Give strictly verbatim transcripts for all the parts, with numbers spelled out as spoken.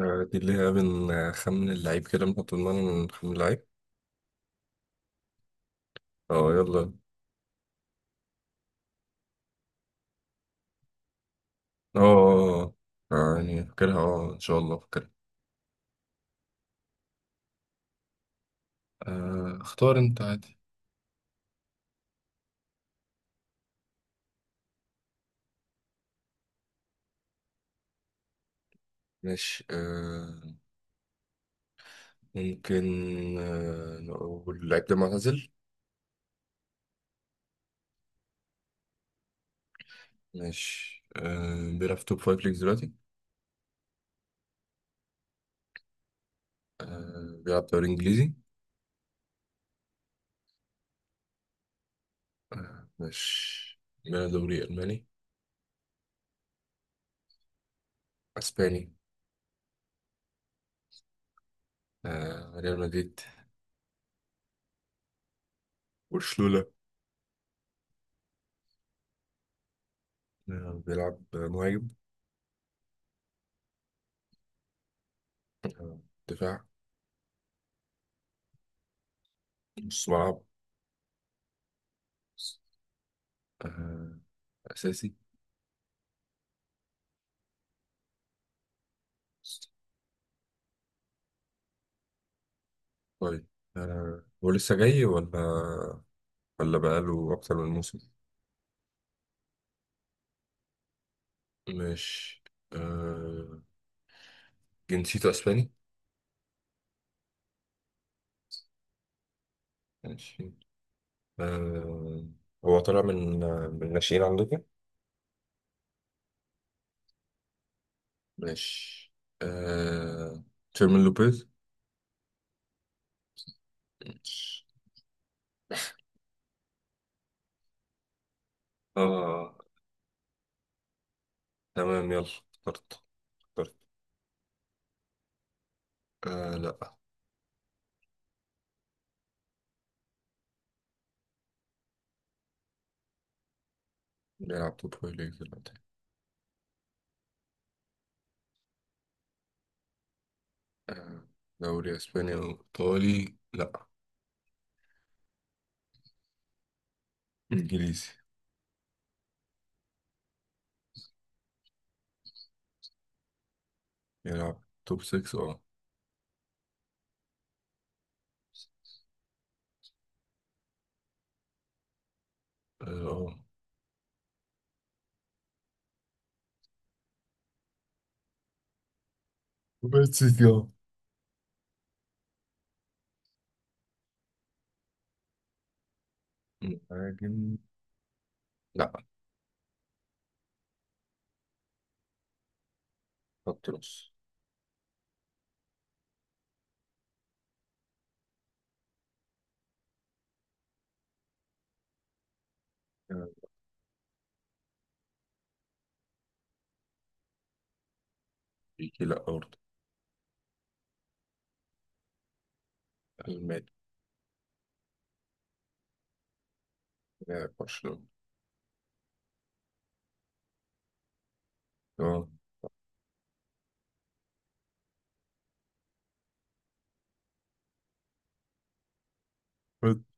آه، دي اللي هي من آه، خمن اللعيب كده، بنحط دماغنا من خمن اللعيب. اه، يلا. اه، آه. آه، اه، يعني فاكرها اه ان شاء الله فاكرها. آه، اختار انت عادي. ماشي، آه. ممكن. آه نقول اللعيب ده معتزل؟ ماشي. آه بيلعب في توب فايف ليجز دلوقتي؟ آه بيلعب دوري انجليزي؟ آه، ماشي. بيلعب دوري الماني؟ اسباني؟ آه ريال مدريد؟ برشلونة؟ آه بيلعب مهاجم؟ آه دفاع؟ نص ملعب؟ آه. أساسي؟ طيب. آه، هو لسه جاي ولا ولا بقاله أكتر من موسم؟ مش آه، جنسيته أسباني؟ ماشي. آه، هو طالع من آه، من الناشئين عندكم؟ ماشي. آه، تشيرمين لوبيز؟ ماشي، آه. تمام، يلا. اخترت اخترت آه، لأ. بيلعب توب فايف ليجز دلوقتي؟ آه، دوري أسباني أو إيطالي؟ لأ. إنجليزي؟ بيلعب توب ستة، اه. آه، بس يا... مهاجم؟ لا. خط نص؟ آه، بيجي؟ لا برضه. الماني؟ لاعب برشلونة؟ تمام. بس-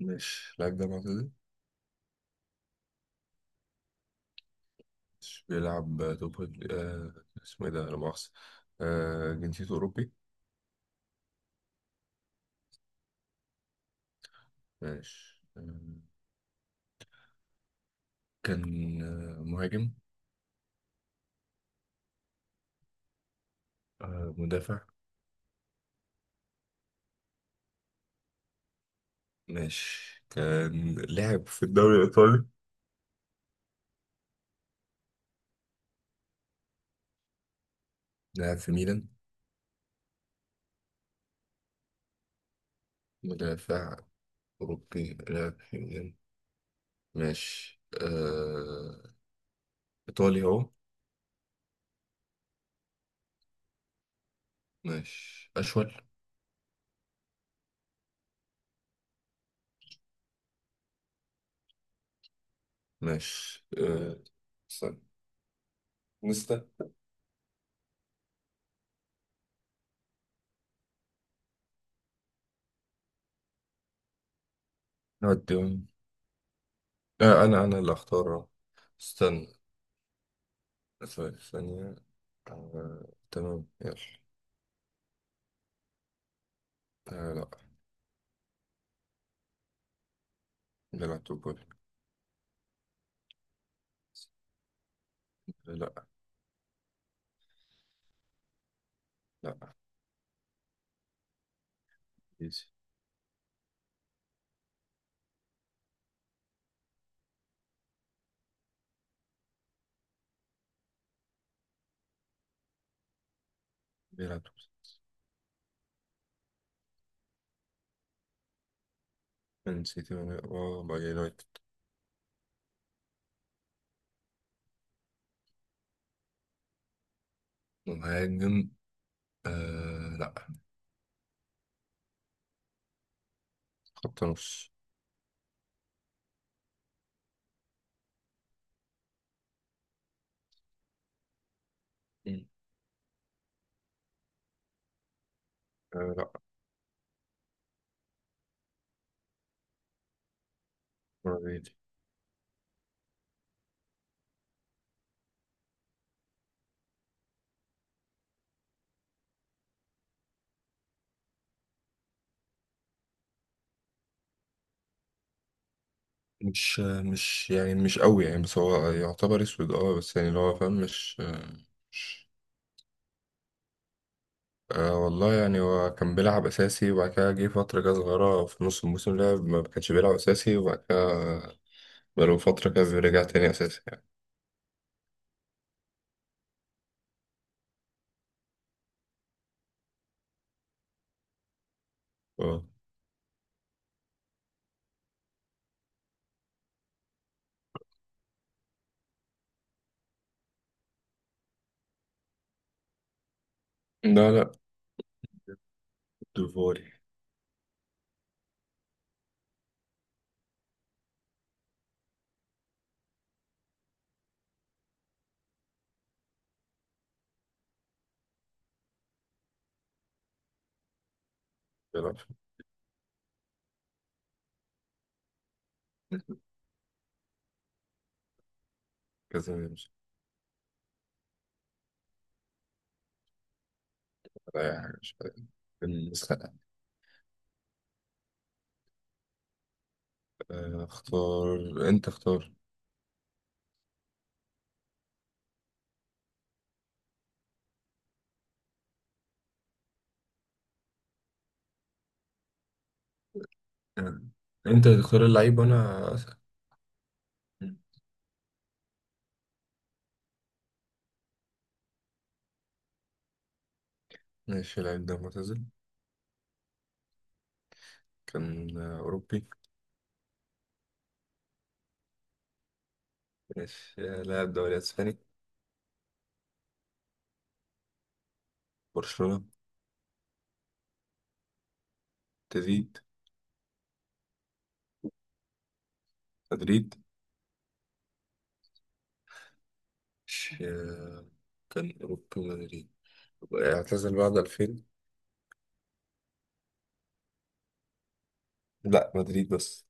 مش اللاعب ده معتزل؟ مش بيلعب توب فايف- آه، اسمه ايه ده، لا مؤاخذة؟ آه، جنسيته أوروبي؟ ماشي. آه، كان آه، مهاجم؟ آه، مدافع؟ ماشي. كان لاعب في الدوري الإيطالي؟ لاعب في ميلان؟ مدافع أوروبي، لاعب في ميلان. ماشي، آه. إيطالي أهو. ماشي. أشول؟ ماشي. أه، استنى. نستا؟ نوديهم. أه، أنا أنا اللي أختار أهو. استنى. ثواني، ثانية. أه، تمام، يلا. أه، لا. بيلعب توبول؟ لا. لا. إيزي. بيلعب توبول؟ مان سيتي ولا- أه، بقى يونايتد؟ مهاجم؟ أه، لا. خط نص؟ مم. أه، لا. برازيلي؟ مش مش يعني مش قوي، يعني بس هو يعتبر اسود، اه، بس يعني اللي هو فاهم، مش... آه، مش آه والله يعني هو كان بيلعب أساسي، وبعد كده جه فترة كده صغيرة في نص الموسم لعب ما كانش بيلعب أساسي، وبعد كده بقاله فترة كده رجع تاني أساسي يعني. اه. لا، لا. ديفوري. بيلعب في كذا، مش... ولا أي حاجة، مش عارف. المسخرة. آه، اختار أنت، اختار. آه. أنت تختار اللعيب وأنا أسأل. ماشي. اللعيب ده معتزل؟ كان آه، أوروبي؟ ماشي. آه، لاعب دوري أسباني؟ برشلونة؟ تزيد؟ مدريد؟ مش آه، كان أوروبا مدريد. اعتزل بعد ألفين؟ لا، مدريد بس.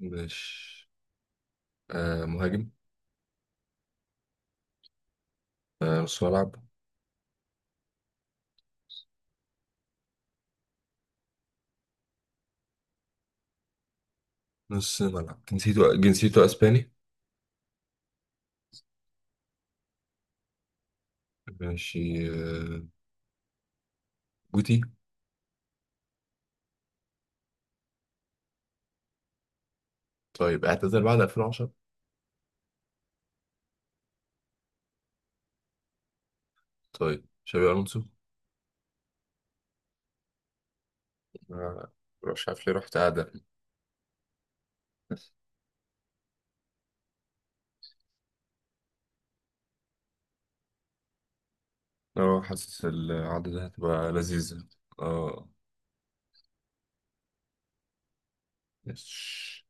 مش آه مهاجم؟ آه نص ملعب؟ نص ملعب. جنسيته جنسيته اسباني؟ ماشي. آه جوتي؟ طيب، اعتزل بعد ألفين وعشرة؟ طيب، شابي الونسو؟ آه، مش عارف ليه رحت قاعدة. بس. اه، حاسس القعدة دي هتبقى لذيذة. اه. يس.